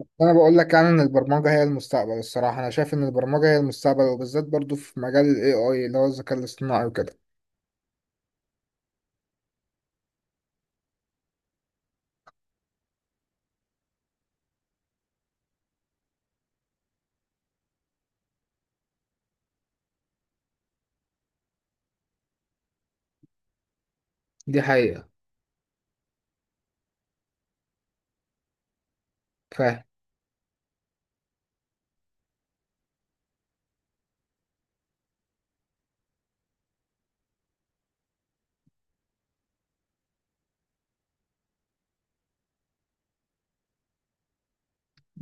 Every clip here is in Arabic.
انا بقول لك يعني ان البرمجه هي المستقبل. الصراحه انا شايف ان البرمجه هي المستقبل، وبالذات برضو في مجال الاي اي اللي هو الذكاء الاصطناعي وكده. دي حقيقة. فاهم.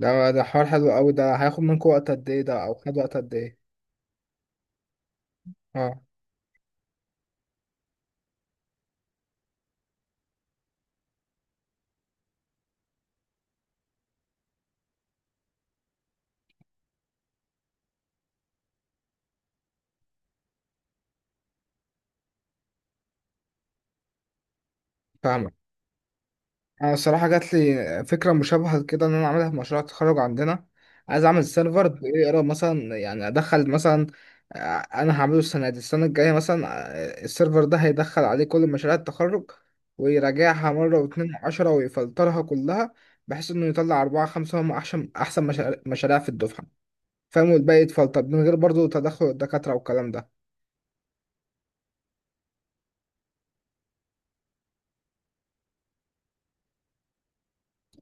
ده حوار حلو قوي. ده هياخد منكم وقت قد ايه؟ ده او خد وقت قد ايه؟ اه، فاهمك. انا الصراحه جات لي فكره مشابهه كده ان انا اعملها في مشروع التخرج عندنا. عايز اعمل سيرفر بيقرا مثلا، يعني ادخل مثلا. انا هعمله السنه دي، السنه الجايه مثلا. السيرفر ده هيدخل عليه كل مشاريع التخرج ويراجعها مره واتنين وعشرة ويفلترها كلها، بحيث انه يطلع اربعه خمسه هم احسن مشاريع في الدفعه، فاهم، والباقي يتفلتر من غير برضو تدخل الدكاتره والكلام ده.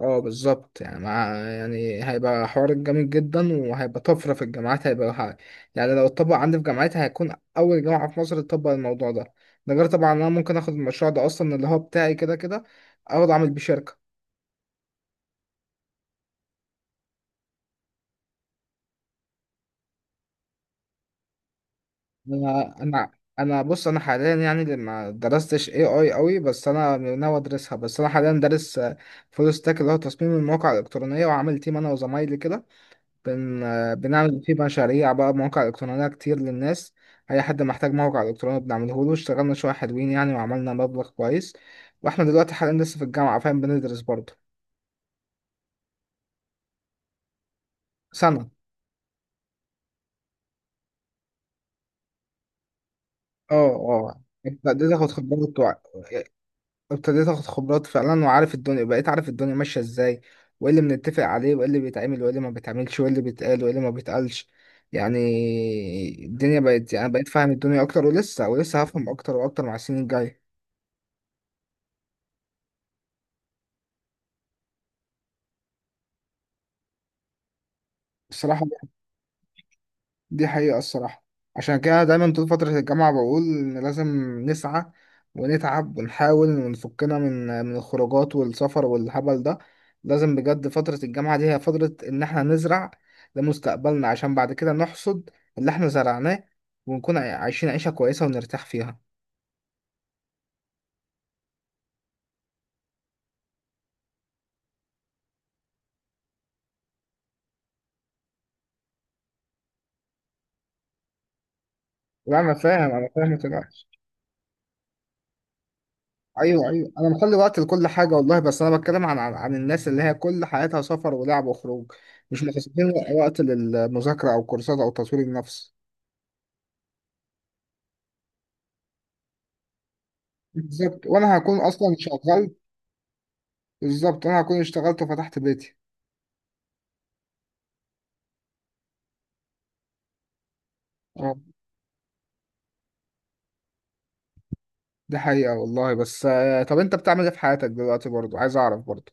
اه بالظبط، يعني مع يعني هيبقى حوار جامد جدا، وهيبقى طفرة في الجامعات، يعني لو اتطبق عندي في جامعتي هيكون أول جامعة في مصر تطبق الموضوع ده. ده غير طبعا أنا ممكن آخد المشروع ده أصلا اللي هو بتاعي كده كده، أقعد أعمل بيه شركة. أنا أنا، بص، أنا حاليا يعني اللي ما درستش AI أوي، بس أنا ناوي أدرسها. بس أنا حاليا دارس فول ستاك اللي هو تصميم المواقع الإلكترونية، وعامل تيم أنا وزمايلي كده. بن... بنعمل فيه مشاريع بقى، مواقع إلكترونية كتير للناس. أي حد محتاج موقع إلكتروني بنعمله له. اشتغلنا شوية حلوين يعني، وعملنا مبلغ كويس، وإحنا دلوقتي حاليا لسه في الجامعة، فاهم، بندرس برضه. سنة. اه، اه، ابتديت اخد خبرات ابتديت اخد خبرات فعلا، وعارف الدنيا، بقيت عارف الدنيا ماشية ازاي، وايه اللي بنتفق عليه وايه اللي بيتعمل وايه اللي ما بيتعملش وايه اللي بيتقال وايه اللي ما بيتقالش، يعني. الدنيا بقت، يعني بقيت فاهم الدنيا اكتر، ولسه هفهم اكتر واكتر مع السنين الجاية. الصراحة، دي حقيقة الصراحة. عشان كده دايما طول فترة الجامعة بقول إن لازم نسعى ونتعب ونحاول ونفكنا من الخروجات والسفر والهبل ده. لازم بجد فترة الجامعة دي هي فترة إن إحنا نزرع لمستقبلنا، عشان بعد كده نحصد اللي إحنا زرعناه، ونكون عايشين عيشة كويسة ونرتاح فيها. لا، أنا فاهم، أنا فاهم، ما تقلقش. ايوه، ايوه، انا مخلي وقت لكل حاجه والله، بس انا بتكلم عن عن الناس اللي هي كل حياتها سفر ولعب وخروج، مش مخصصين وقت للمذاكره او كورسات او تطوير النفس. بالظبط، وانا هكون اصلا شغال. بالظبط، انا هكون اشتغلت وفتحت بيتي. اه دي حقيقه والله. بس طب انت بتعمل ايه في حياتك دلوقتي برضو؟ عايز اعرف برضو.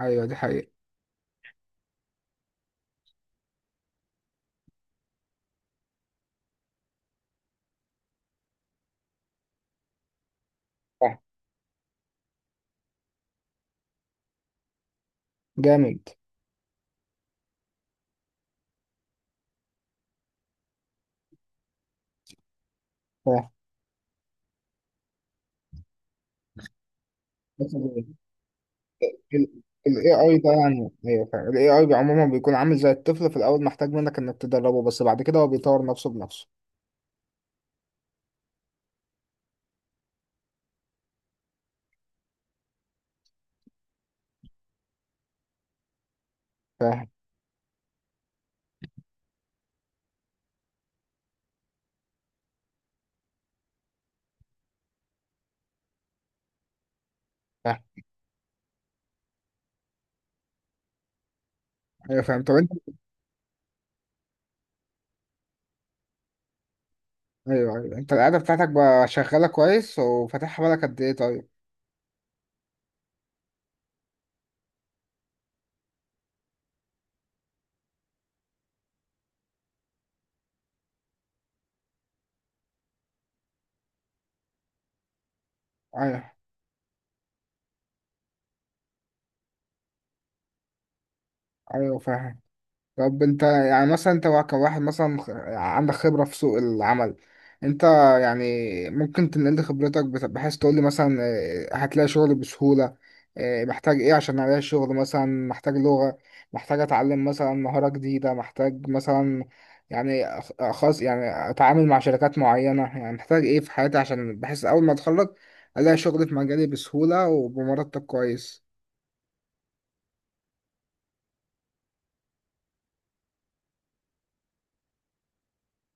ايوه دي حقيقه. صح. جامد. صح. بس ال AI ده، يعني ايوه فعلا ال AI عموما بيكون عامل زي الطفل في الاول، محتاج منك انك تدربه، بس بعد كده هو بيطور نفسه بنفسه. فاهم. ايوه فاهم. طب انت؟ ايوه، ايوه، انت القعده بتاعتك بقى شغاله كويس، وفاتحها بالك قد ايه؟ طيب. ايوه، ايوه. فاهم. طب انت يعني مثلا، انت كواحد مثلا عندك خبرة في سوق العمل. انت يعني ممكن تنقل لي خبرتك بحيث تقول لي مثلا اه، هتلاقي شغل بسهولة. اه، محتاج ايه عشان الاقي شغل؟ مثلا محتاج لغة، محتاج اتعلم مثلا مهارة جديدة، محتاج مثلا، يعني خاص، يعني اتعامل مع شركات معينة. يعني محتاج ايه في حياتي عشان بحيث اول ما اتخرج الاقي شغل في مجالي بسهولة وبمرتب كويس؟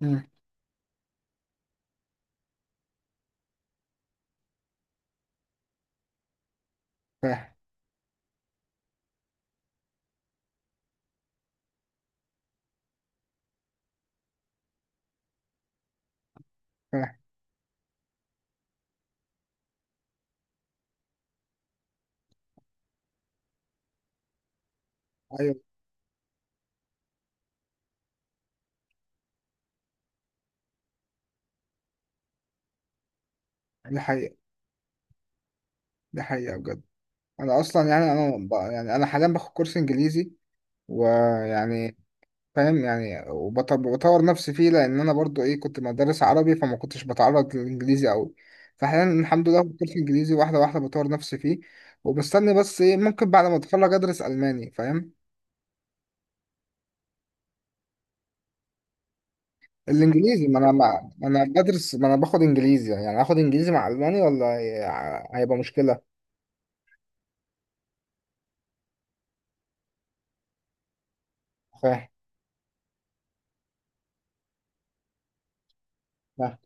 مم. فاهم. فاهم. ايوه دي حقيقة، دي حقيقة بجد. انا اصلا يعني يعني انا حاليا باخد كورس انجليزي ويعني، فاهم يعني، وبطور نفسي فيه، لان انا برضو ايه كنت مدرس عربي، فما كنتش بتعرض للانجليزي قوي. فحاليا الحمد لله باخد كورس انجليزي، واحده واحده بطور نفسي فيه، وبستني بس ايه ممكن بعد ما اتخرج ادرس الماني، فاهم. الانجليزي، ما انا ما انا بدرس، ما انا باخد انجليزي، يعني اخد انجليزي مع الماني، ولا هيبقى مشكله؟ فاهم. فاهم.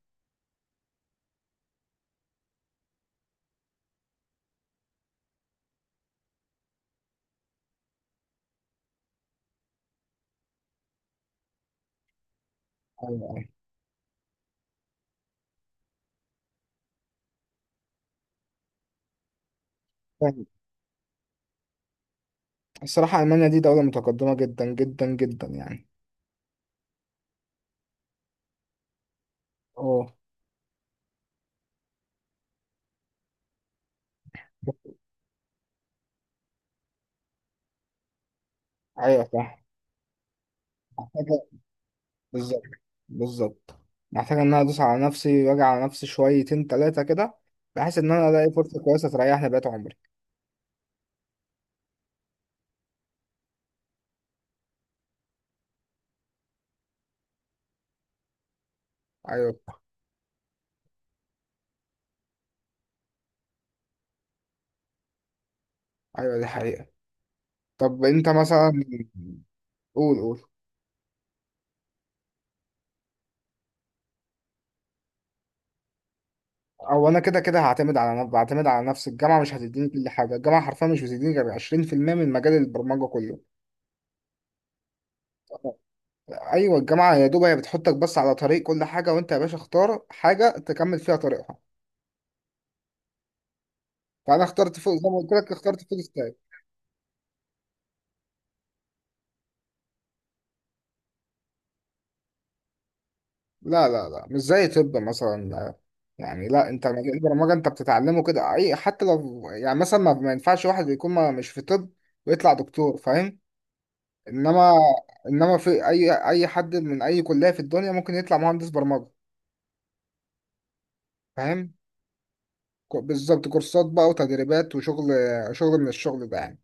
أيوة، أيوة. فاهم. الصراحه المانيا دي دوله متقدمه جدا جدا جدا يعني. اه. ايوه صح. محتاجة. بالظبط. بالظبط. محتاجة ان انا ادوس على نفسي واجي على نفسي شويتين تلاتة كده، بحيث ان انا الاقي فرصة كويسة تريحني بقيت عمري. ايوه، ايوه، دي حقيقة. طب انت مثلا؟ قول قول. او انا كده كده هعتمد على نفسي، بعتمد على نفسي. الجامعة مش هتديني كل حاجة، الجامعة حرفيا مش بتديني غير 20% من مجال البرمجة كله. ايوه، الجامعة يا دوب هي بتحطك بس على طريق كل حاجة، وانت يا باشا اختار حاجة تكمل فيها طريقها. فانا اخترت فوق زي ما قلت لك، اخترت فوق. لا، لا، لا، مش زي طب مثلا. يعني لا، انت مجال البرمجه انت بتتعلمه كده اي، حتى لو يعني مثلا ما ينفعش واحد يكون ما مش في طب ويطلع دكتور، فاهم؟ انما انما في اي حد من اي كليه في الدنيا ممكن يطلع مهندس برمجه، فاهم؟ بالظبط، كورسات بقى وتدريبات وشغل، شغل من الشغل ده يعني.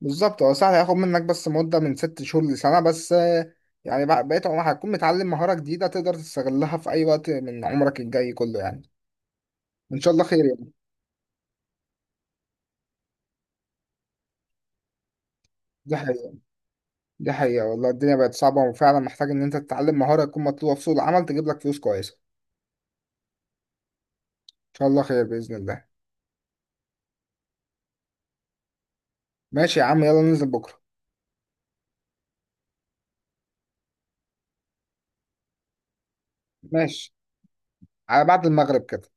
بالظبط هو سهل، هياخد منك بس مده من 6 شهور لسنه، بس يعني بقيت عمرك هتكون متعلم مهاره جديده تقدر تستغلها في اي وقت من عمرك الجاي كله يعني، ان شاء الله خير. دي حقيقة، دي حقيقة والله، الدنيا بقت صعبة، وفعلا محتاج إن أنت تتعلم مهارة تكون مطلوبة في سوق العمل تجيب لك فلوس كويسة. إن شاء الله خير بإذن الله. ماشي يا عم، يلا ننزل بكرة. ماشي، على بعد المغرب كده.